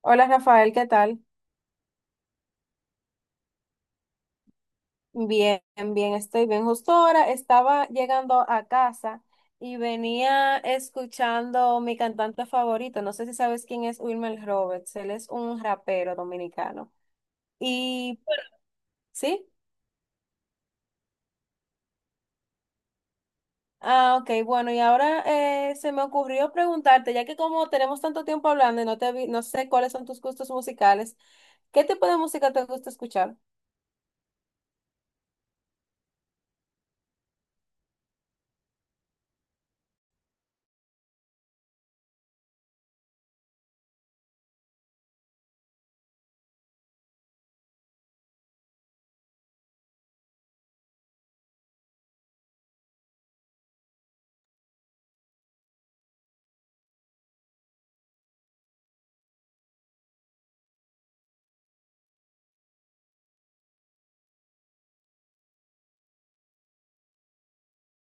Hola Rafael, ¿qué tal? Bien, bien, estoy bien. Justo ahora estaba llegando a casa y venía escuchando mi cantante favorito. No sé si sabes quién es Wilmer Roberts. Él es un rapero dominicano. Y sí, ah, ok, bueno, y ahora se me ocurrió preguntarte, ya que como tenemos tanto tiempo hablando y no sé cuáles son tus gustos musicales, ¿qué tipo de música te gusta escuchar?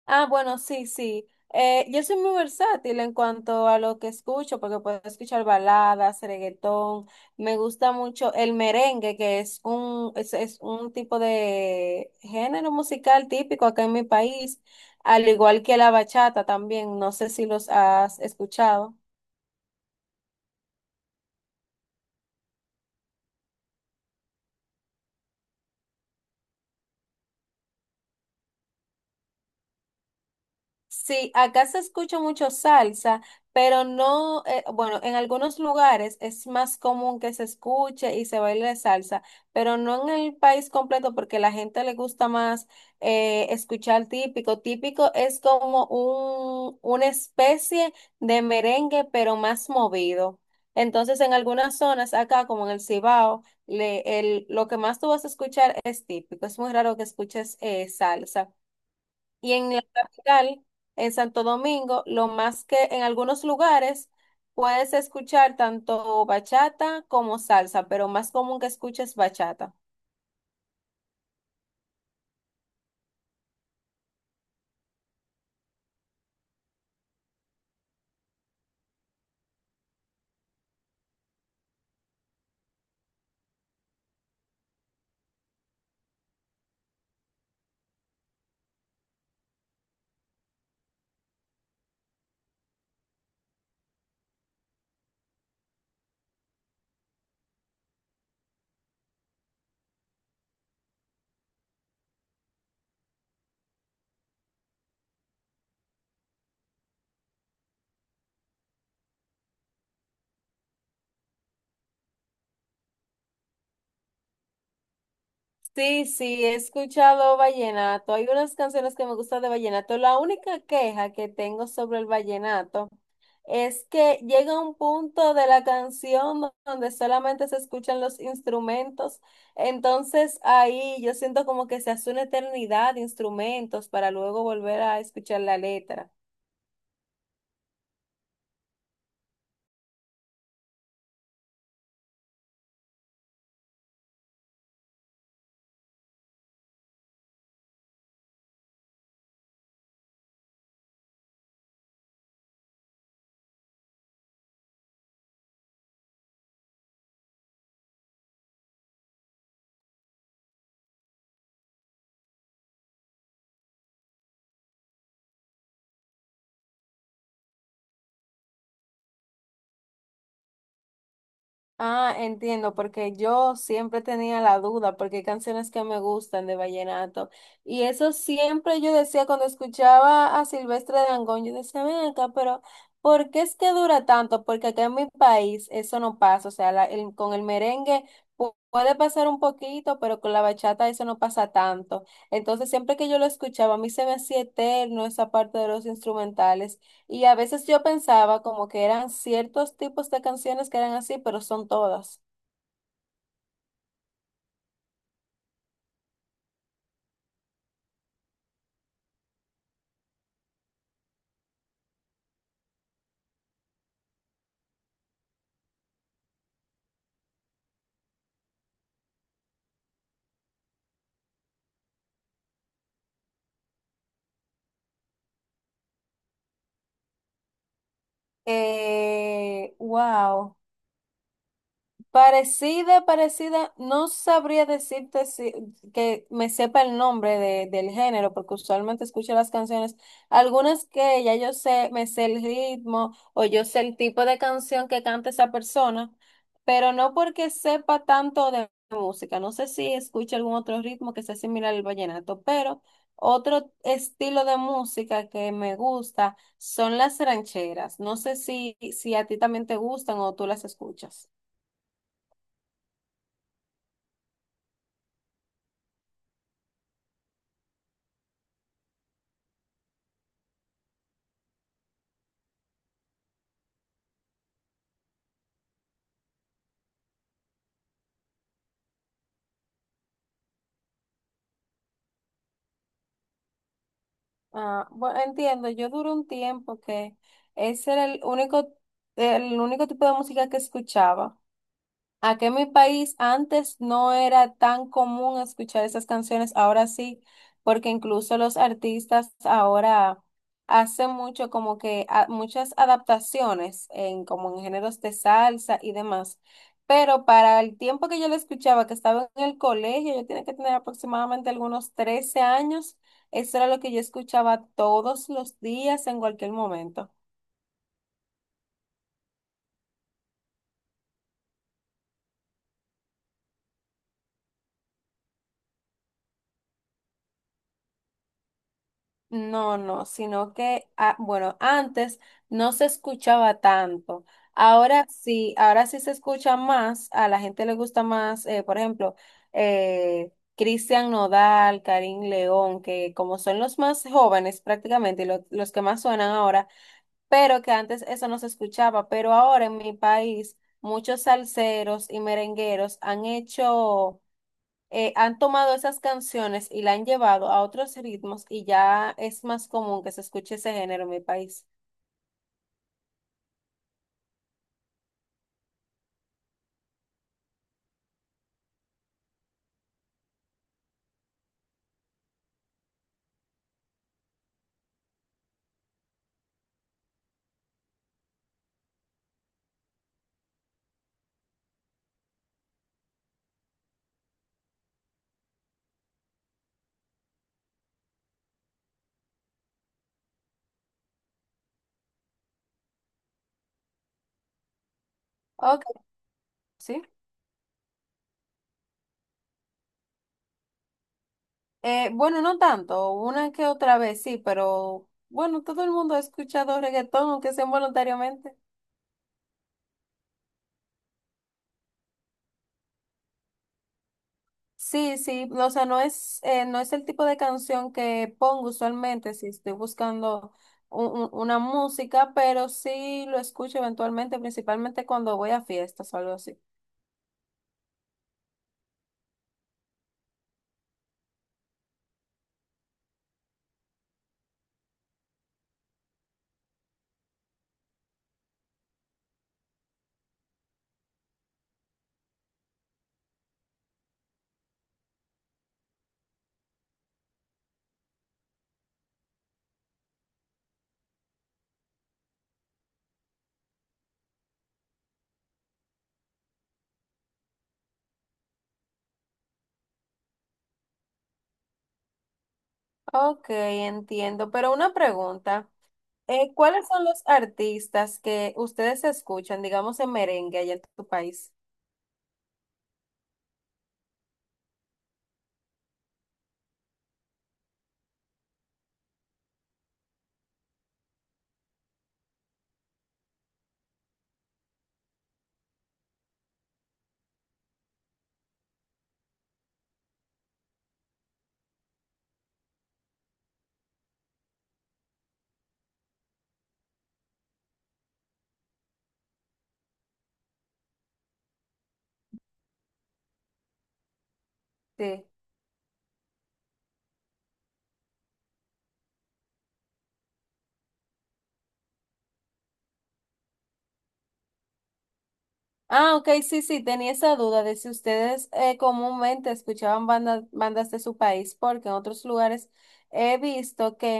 Ah, bueno, sí, sí. Yo soy muy versátil en cuanto a lo que escucho, porque puedo escuchar baladas, reggaetón. Me gusta mucho el merengue, que es un tipo de género musical típico acá en mi país, al igual que la bachata también. No sé si los has escuchado. Sí, acá se escucha mucho salsa, pero no, bueno, en algunos lugares es más común que se escuche y se baile salsa, pero no en el país completo porque la gente le gusta más escuchar típico. Típico es como una especie de merengue, pero más movido. Entonces, en algunas zonas acá, como en el Cibao, lo que más tú vas a escuchar es típico. Es muy raro que escuches salsa. Y en la capital, en Santo Domingo, lo más que en algunos lugares puedes escuchar tanto bachata como salsa, pero más común que escuches bachata. Sí, sí, he escuchado vallenato. Hay unas canciones que me gustan de vallenato. La única queja que tengo sobre el vallenato es que llega un punto de la canción donde solamente se escuchan los instrumentos, entonces ahí yo siento como que se hace una eternidad de instrumentos para luego volver a escuchar la letra. Ah, entiendo, porque yo siempre tenía la duda, porque hay canciones que me gustan de vallenato. Y eso siempre yo decía cuando escuchaba a Silvestre Dangond, yo decía, ven acá, pero ¿por qué es que dura tanto? Porque acá en mi país eso no pasa. O sea, con el merengue puede pasar un poquito, pero con la bachata eso no pasa tanto. Entonces, siempre que yo lo escuchaba, a mí se me hacía eterno esa parte de los instrumentales. Y a veces yo pensaba como que eran ciertos tipos de canciones que eran así, pero son todas. Wow. Parecida, parecida, no sabría decirte si, que me sepa el nombre del género, porque usualmente escucho las canciones, algunas que ya yo sé, me sé el ritmo o yo sé el tipo de canción que canta esa persona, pero no porque sepa tanto de música. No sé si escucho algún otro ritmo que sea similar al vallenato, pero otro estilo de música que me gusta son las rancheras, no sé si, si a ti también te gustan o tú las escuchas. Ah, bueno, entiendo, yo duré un tiempo que ese era el único tipo de música que escuchaba. Aquí en mi país antes no era tan común escuchar esas canciones, ahora sí, porque incluso los artistas ahora hacen mucho como que muchas adaptaciones en como en géneros de salsa y demás. Pero para el tiempo que yo la escuchaba, que estaba en el colegio, yo tenía que tener aproximadamente algunos 13 años, eso era lo que yo escuchaba todos los días en cualquier momento. No, no, sino que, ah, bueno, antes no se escuchaba tanto. Ahora sí se escucha más, a la gente le gusta más, por ejemplo, Cristian Nodal, Karim León, que como son los más jóvenes prácticamente, y los que más suenan ahora, pero que antes eso no se escuchaba, pero ahora en mi país muchos salseros y merengueros han hecho han tomado esas canciones y la han llevado a otros ritmos y ya es más común que se escuche ese género en mi país. Ok, sí. Bueno, no tanto, una que otra vez sí, pero bueno, todo el mundo ha escuchado reggaetón, aunque sea involuntariamente. Sí, sí, o sea, no es, no es el tipo de canción que pongo usualmente si estoy buscando una música, pero sí lo escucho eventualmente, principalmente cuando voy a fiestas o algo así. Ok, entiendo, pero una pregunta. ¿Cuáles son los artistas que ustedes escuchan, digamos, en merengue allá en tu país? Sí. Ah, ok, sí, sí, tenía esa duda de si ustedes comúnmente escuchaban bandas, bandas de su país, porque en otros lugares he visto que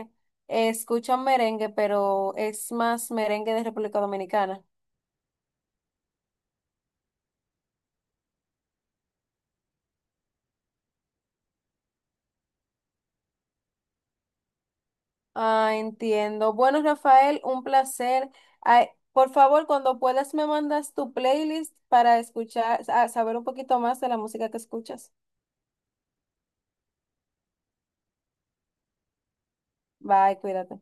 escuchan merengue, pero es más merengue de República Dominicana. Ah, entiendo. Bueno, Rafael, un placer. Ay, por favor, cuando puedas me mandas tu playlist para escuchar, a saber un poquito más de la música que escuchas. Bye, cuídate.